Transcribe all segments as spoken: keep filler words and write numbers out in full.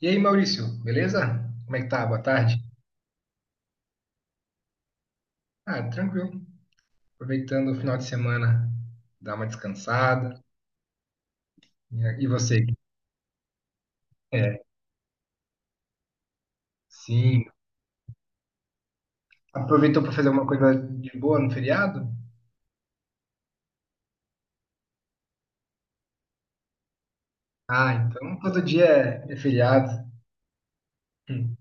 E aí, Maurício, beleza? Como é que tá? Boa tarde. Ah, tranquilo. Aproveitando o final de semana, dar uma descansada. E e você? É, sim. Aproveitou para fazer alguma coisa de boa no feriado? Ah, então todo dia é, é feriado. Hum.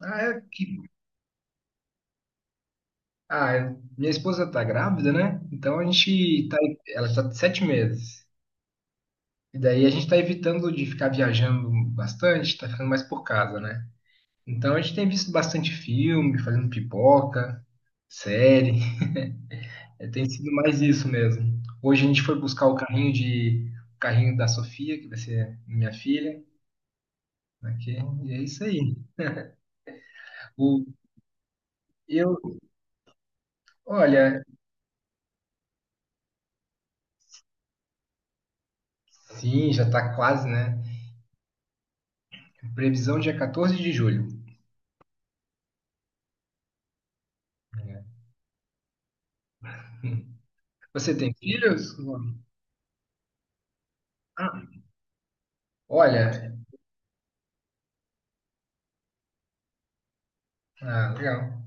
Ah, é que... ah, é- minha esposa tá grávida, né? Então a gente tá. Ela está de sete meses. E daí a gente tá evitando de ficar viajando bastante, tá ficando mais por casa, né? Então a gente tem visto bastante filme, fazendo pipoca, série. É, tem sido mais isso mesmo. Hoje a gente foi buscar o carrinho de o carrinho da Sofia, que vai ser minha filha, aqui, e é isso aí. O, eu, olha, sim, já está quase, né? Previsão dia quatorze de julho. Você tem filhos? Ah, olha, ah, legal.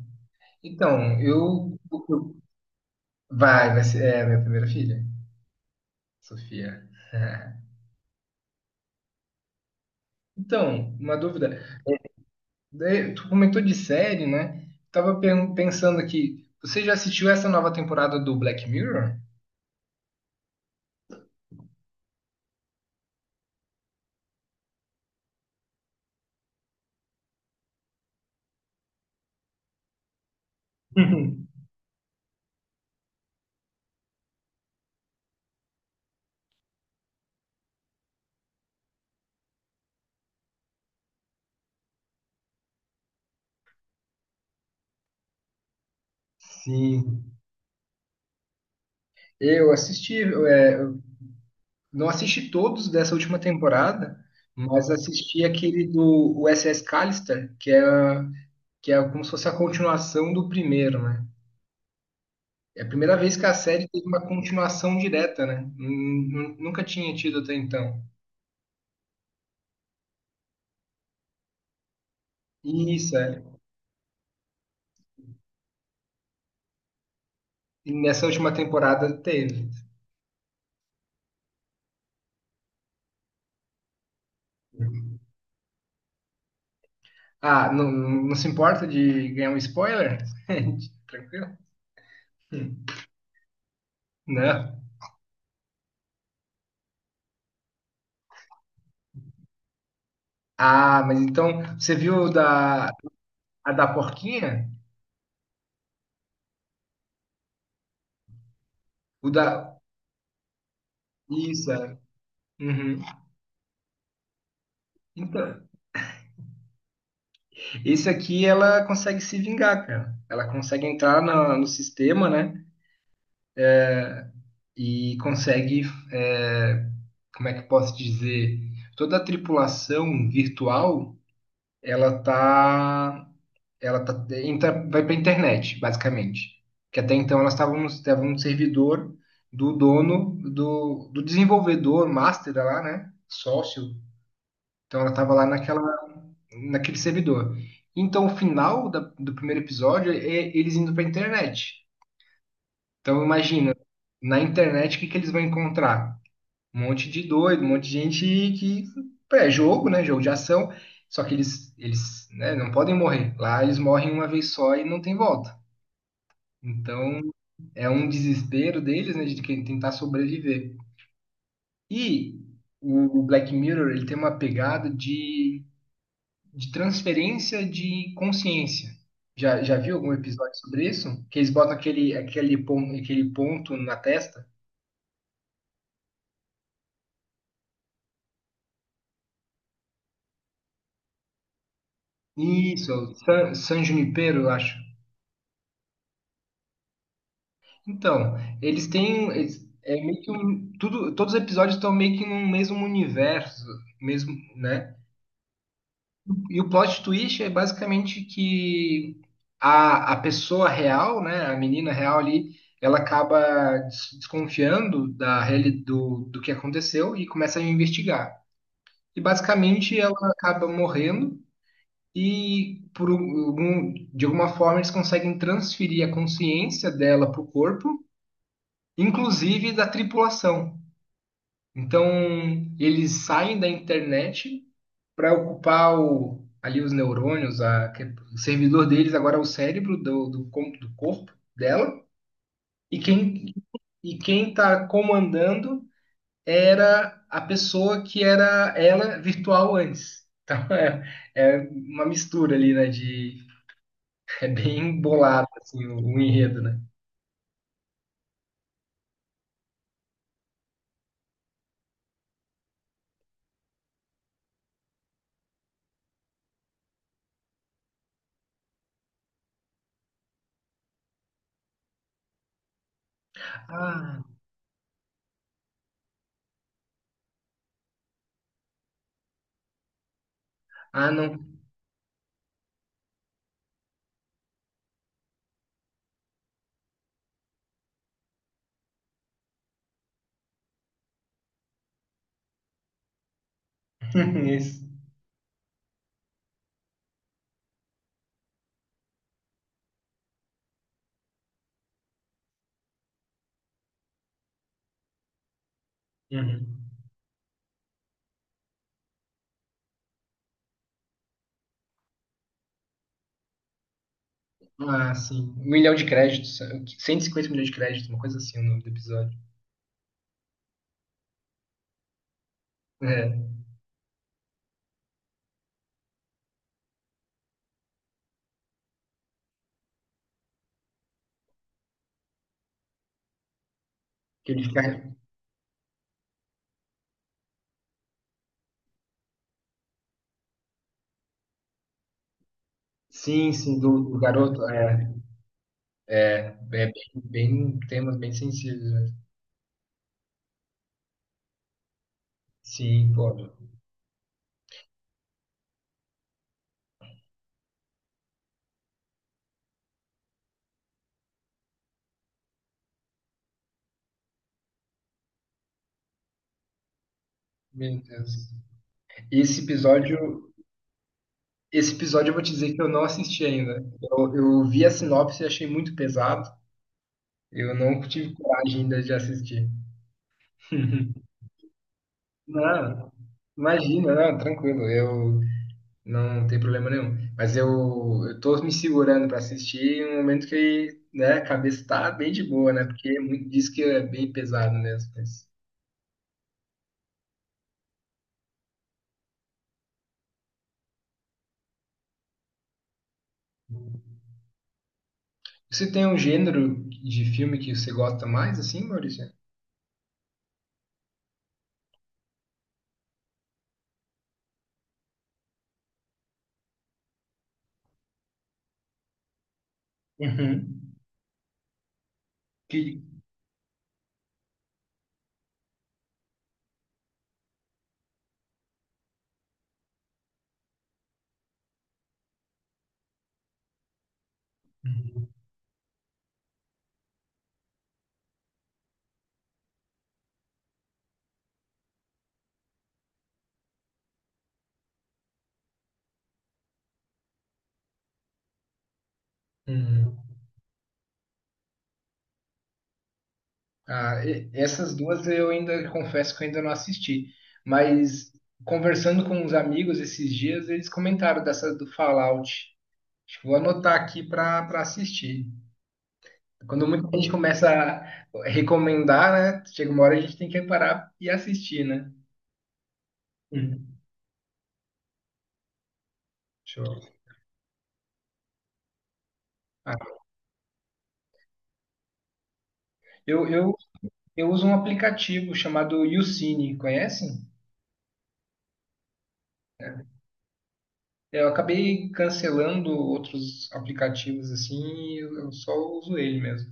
Então, eu, eu- Vai, vai ser, é minha primeira filha, Sofia. Então, uma dúvida. Daí, tu comentou de série, né? Tava pen- pensando aqui, você já assistiu essa nova temporada do Black Mirror? Sim, eu assisti, eu, é, eu não assisti todos dessa última temporada, mas assisti aquele do U S S Callister, que é, que é como se fosse a continuação do primeiro, né? É a primeira vez que a série teve uma continuação direta, né? Nun- nun- Nunca tinha tido até então. E isso, é. E nessa última temporada teve. Ah, não, não se importa de ganhar um spoiler? Tranquilo? Não. Ah, mas então, você viu o da, a da porquinha? O da. Isso, é. Uhum. Então, esse aqui ela consegue se vingar, cara. Ela consegue entrar na- no sistema, né? E consegue, é, como é que eu posso dizer? Toda a tripulação virtual, ela tá Ela tá, entra, vai para a internet, basicamente. Que até então elas estavam no, estavam no servidor do dono, do, do desenvolvedor, master lá, né? Sócio. Então ela estava lá naquela, naquele servidor. Então o final da- do primeiro episódio é eles indo para a internet. Então imagina, na internet o que, que eles vão encontrar? Um monte de doido, um monte de gente que é jogo, né? Jogo de ação. Só que eles, eles, né, não podem morrer. Lá eles morrem uma vez só e não tem volta. Então, é um desespero deles, né, de que- tentar sobreviver. E o o Black Mirror, ele tem uma pegada de, de transferência de consciência. Já, já viu algum episódio sobre isso? Que eles botam aquele, aquele, pon- aquele ponto na testa? Isso, é o San, San Junipero, eu acho. Então, eles têm, eles- é meio que um, tudo, todos os episódios estão meio que num mesmo universo, mesmo, né? E o plot twist é basicamente que a, a pessoa real, né, a menina real ali, ela acaba des- desconfiando da reali- do, do que aconteceu e começa a investigar. E basicamente ela acaba morrendo e por um- algum- de alguma forma eles conseguem transferir a consciência dela para o corpo, inclusive da tripulação. Então eles saem da internet para ocupar o- ali os neurônios, a- que- o servidor deles agora é o cérebro do, do, com- do corpo dela, e quem e quem está comandando era a pessoa que era ela virtual antes. Então é, é uma mistura ali, né? De, é bem bolado assim, o, o enredo, né? Ah, ah, não. Isso. Uhum. Ah, sim. Um milhão de créditos. Cento e cinquenta milhões de créditos, uma coisa assim, o nome do episódio. É, que ele fica sim, sim, do, do garoto, é, é bem, bem- temas bem sensíveis, né? Sim, pô, meu Deus. Esse episódio, esse episódio eu vou te dizer que eu não assisti ainda. Eu, eu vi a sinopse e achei muito pesado. Eu não tive coragem ainda de assistir. Não, imagina, não, tranquilo, eu não tem problema nenhum. Mas eu, eu tô me segurando para assistir em um momento que, né, a cabeça tá bem de boa, né? Porque é muito- diz que é bem pesado mesmo. Você tem um gênero de filme que você gosta mais, assim, Maurício? Uhum. Que- Uhum. Uhum. Ah, e- essas duas eu ainda confesso que eu ainda não assisti, mas conversando com uns amigos esses dias, eles comentaram dessa do Fallout. Acho que vou anotar aqui para para assistir. Quando muita gente começa a recomendar, né? Chega uma hora a gente tem que parar e assistir, né? Uhum. Show. Ah, eu, eu, eu uso um aplicativo chamado YouCine, conhece? Eu acabei cancelando outros aplicativos assim, e eu eu só uso ele mesmo.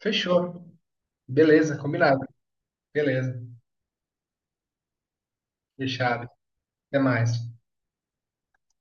Fechou. Beleza, combinado. Beleza, fechado. Até mais.